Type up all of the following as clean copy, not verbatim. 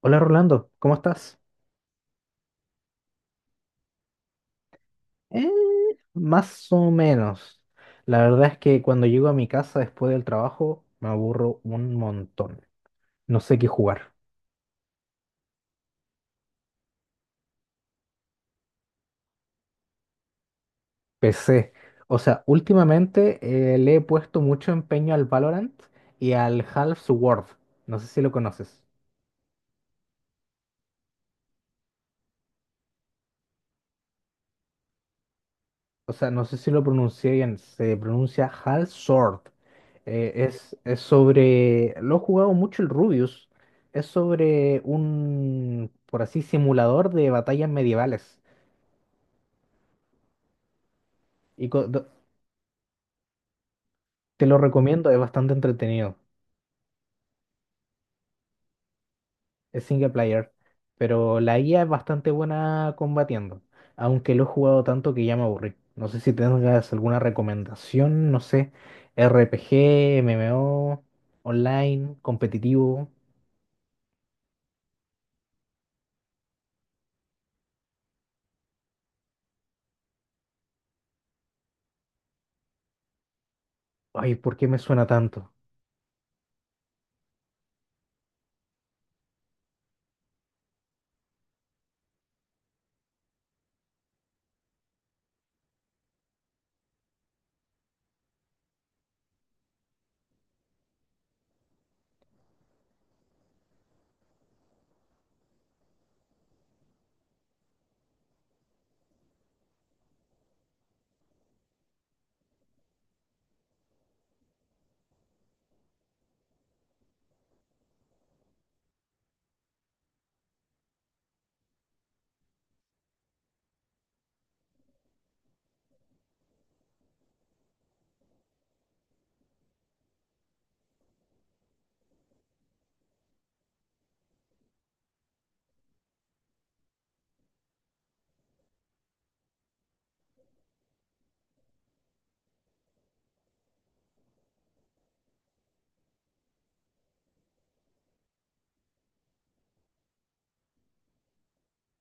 Hola Rolando, ¿cómo estás? Eh, más o menos. La verdad es que cuando llego a mi casa después del trabajo me aburro un montón. No sé qué jugar. PC. O sea, últimamente le he puesto mucho empeño al Valorant y al Half-Sword. No sé si lo conoces. O sea, no sé si lo pronuncié bien, se pronuncia Hal Sword. Es sobre, lo he jugado mucho el Rubius, es sobre un, por así, simulador de batallas medievales. Y co- do- te lo recomiendo, es bastante entretenido. Es single player, pero la IA es bastante buena combatiendo, aunque lo he jugado tanto que ya me aburrí. No sé si tengas alguna recomendación, no sé, RPG, MMO, online, competitivo. Ay, ¿por qué me suena tanto?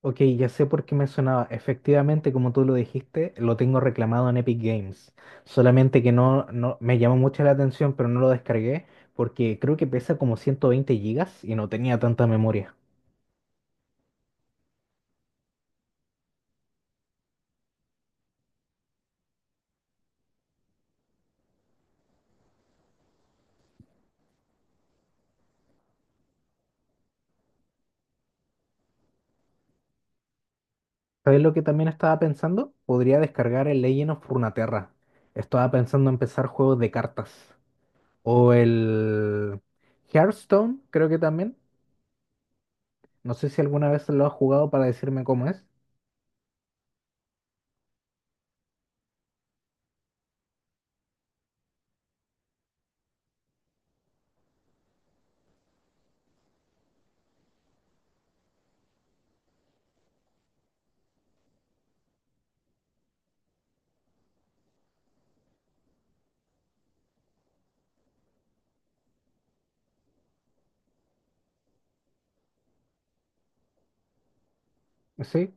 Ok, ya sé por qué me sonaba. Efectivamente, como tú lo dijiste, lo tengo reclamado en Epic Games. Solamente que no me llamó mucho la atención, pero no lo descargué porque creo que pesa como 120 gigas y no tenía tanta memoria. ¿Sabes lo que también estaba pensando? Podría descargar el Legend of Runeterra. Estaba pensando en empezar juegos de cartas. O el Hearthstone, creo que también. No sé si alguna vez lo has jugado para decirme cómo es. ¿Sí?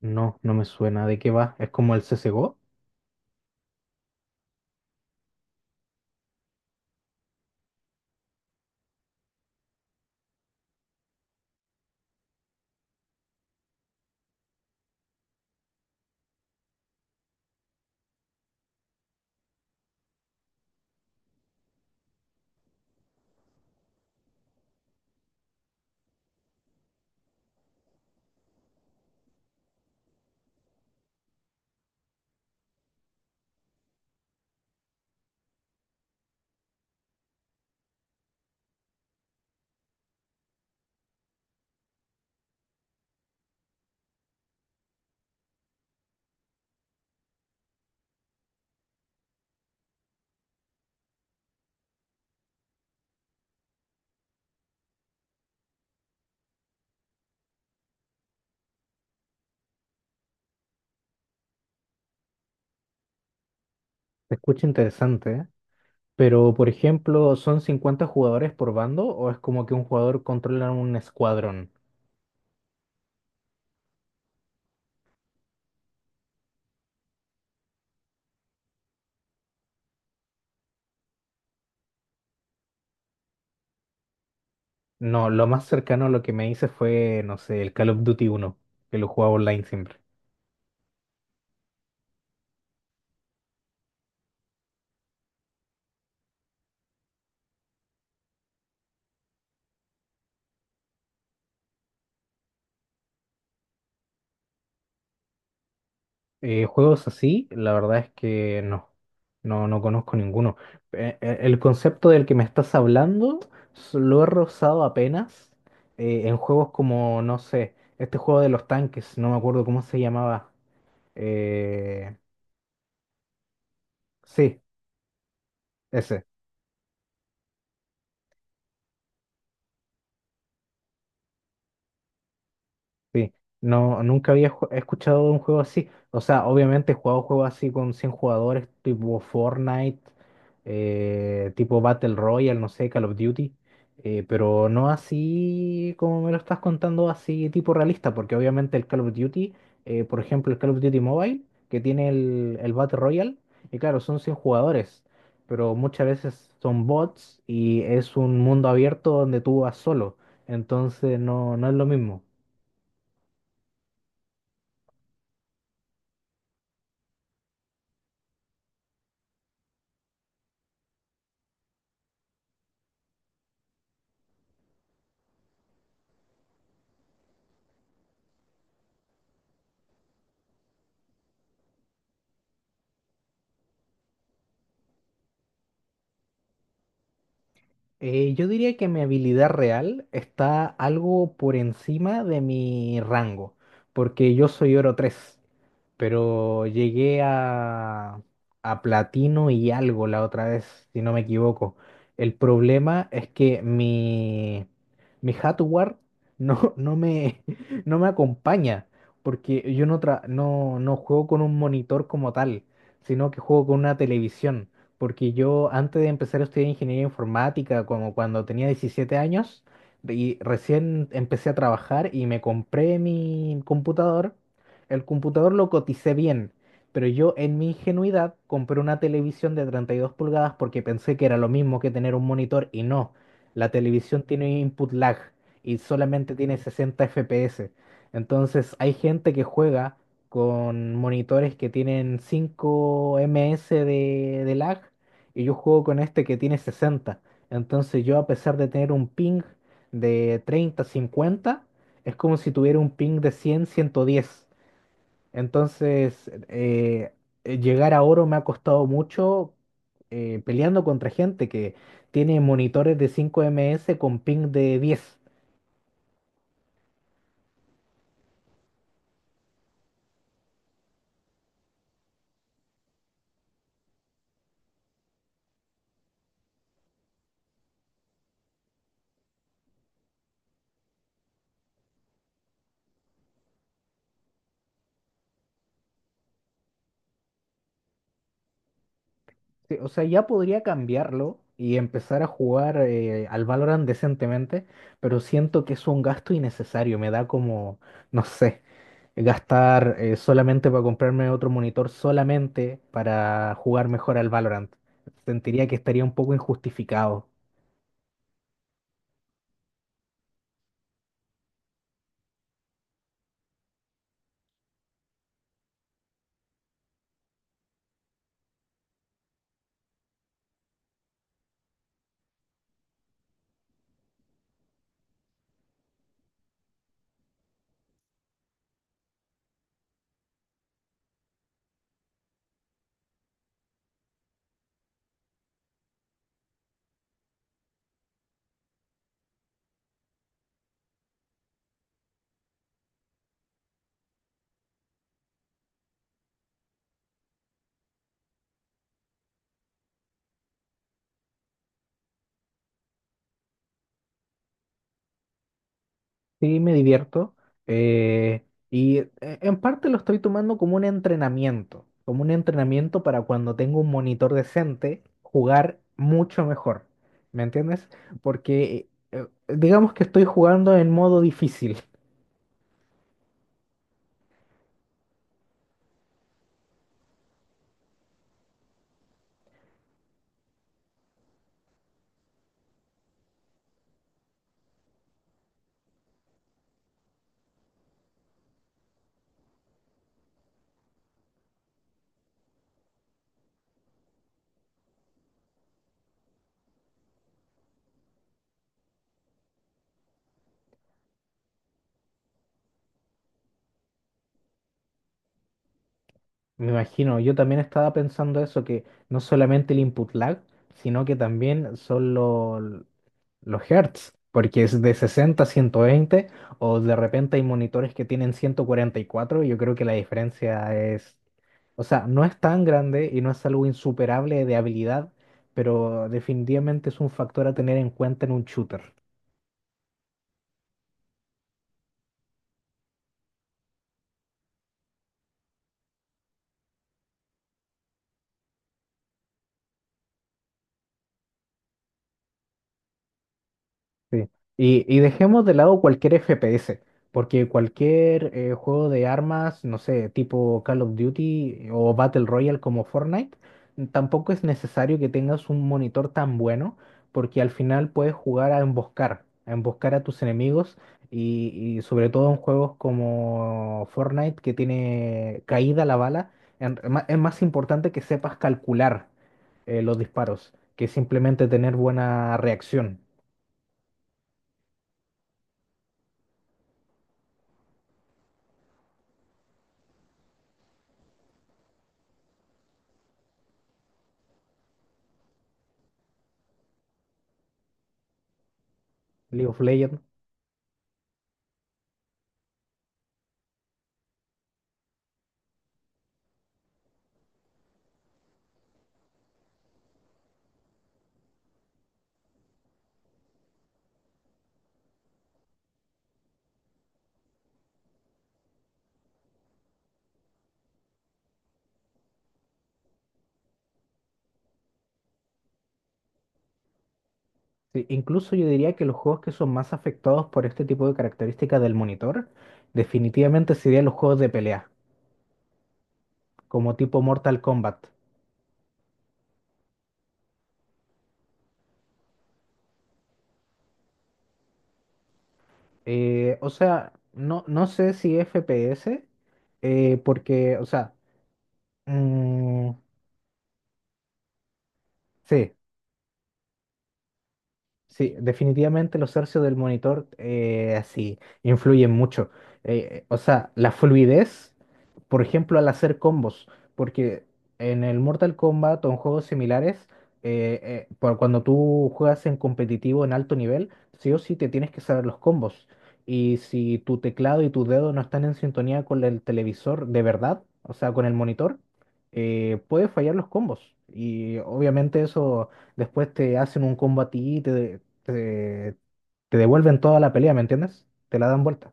No, no me suena. ¿De qué va? Es como el CSGO. Se escucha interesante, ¿eh? Pero, por ejemplo, ¿son 50 jugadores por bando o es como que un jugador controla un escuadrón? No, lo más cercano a lo que me hice fue, no sé, el Call of Duty uno, que lo jugaba online siempre. Juegos así, la verdad es que no. No, no conozco ninguno. El concepto del que me estás hablando lo he rozado apenas en juegos como, no sé, este juego de los tanques, no me acuerdo cómo se llamaba. Eh, sí, ese. Sí, no, nunca había escuchado de un juego así. O sea, obviamente he jugado juegos así con 100 jugadores, tipo Fortnite, tipo Battle Royale, no sé, Call of Duty, pero no así como me lo estás contando, así tipo realista, porque obviamente el Call of Duty, por ejemplo, el Call of Duty Mobile, que tiene el Battle Royale, y claro, son 100 jugadores, pero muchas veces son bots y es un mundo abierto donde tú vas solo, entonces no es lo mismo. Yo diría que mi habilidad real está algo por encima de mi rango, porque yo soy oro 3 pero llegué a platino y algo la otra vez, si no me equivoco. El problema es que mi hardware no, no me, no me acompaña, porque yo no juego con un monitor como tal, sino que juego con una televisión. Porque yo antes de empezar a estudiar ingeniería informática, como cuando tenía 17 años, y recién empecé a trabajar y me compré mi computador, el computador lo coticé bien, pero yo en mi ingenuidad compré una televisión de 32 pulgadas porque pensé que era lo mismo que tener un monitor y no. La televisión tiene input lag y solamente tiene 60 FPS. Entonces hay gente que juega con monitores que tienen 5 ms de lag y yo juego con este que tiene 60. Entonces yo a pesar de tener un ping de 30 50 es como si tuviera un ping de cien ciento diez. Entonces, llegar a oro me ha costado mucho peleando contra gente que tiene monitores de 5 ms con ping de 10. Sí, o sea, ya podría cambiarlo y empezar a jugar al Valorant decentemente, pero siento que es un gasto innecesario. Me da como, no sé, gastar solamente para comprarme otro monitor, solamente para jugar mejor al Valorant. Sentiría que estaría un poco injustificado. Sí, me divierto. Y en parte lo estoy tomando como un entrenamiento para cuando tengo un monitor decente, jugar mucho mejor. ¿Me entiendes? Porque digamos que estoy jugando en modo difícil. Me imagino, yo también estaba pensando eso, que no solamente el input lag, sino que también son los hertz, porque es de 60 a 120 o de repente hay monitores que tienen 144, yo creo que la diferencia es, o sea, no es tan grande y no es algo insuperable de habilidad, pero definitivamente es un factor a tener en cuenta en un shooter. Sí. Y dejemos de lado cualquier FPS, porque cualquier juego de armas, no sé, tipo Call of Duty o Battle Royale como Fortnite, tampoco es necesario que tengas un monitor tan bueno, porque al final puedes jugar a emboscar, a emboscar a tus enemigos y sobre todo en juegos como Fortnite que tiene caída la bala, es más importante que sepas calcular los disparos que simplemente tener buena reacción. League of Legends. Sí, incluso yo diría que los juegos que son más afectados por este tipo de características del monitor, definitivamente serían los juegos de pelea, como tipo Mortal Kombat. O sea, no, no sé si FPS, porque, o sea, mm, sí, sí, definitivamente los hercios del monitor así influyen mucho. O sea, la fluidez, por ejemplo, al hacer combos, porque en el Mortal Kombat o en juegos similares, por cuando tú juegas en competitivo en alto nivel, sí o sí te tienes que saber los combos. Y si tu teclado y tus dedos no están en sintonía con el televisor de verdad, o sea, con el monitor, puede fallar los combos. Y obviamente eso, después te hacen un combo a ti y te devuelven toda la pelea, ¿me entiendes? Te la dan vuelta.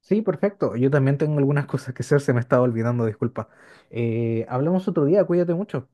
Sí, perfecto. Yo también tengo algunas cosas que hacer, se me estaba olvidando, disculpa. Hablamos otro día, cuídate mucho.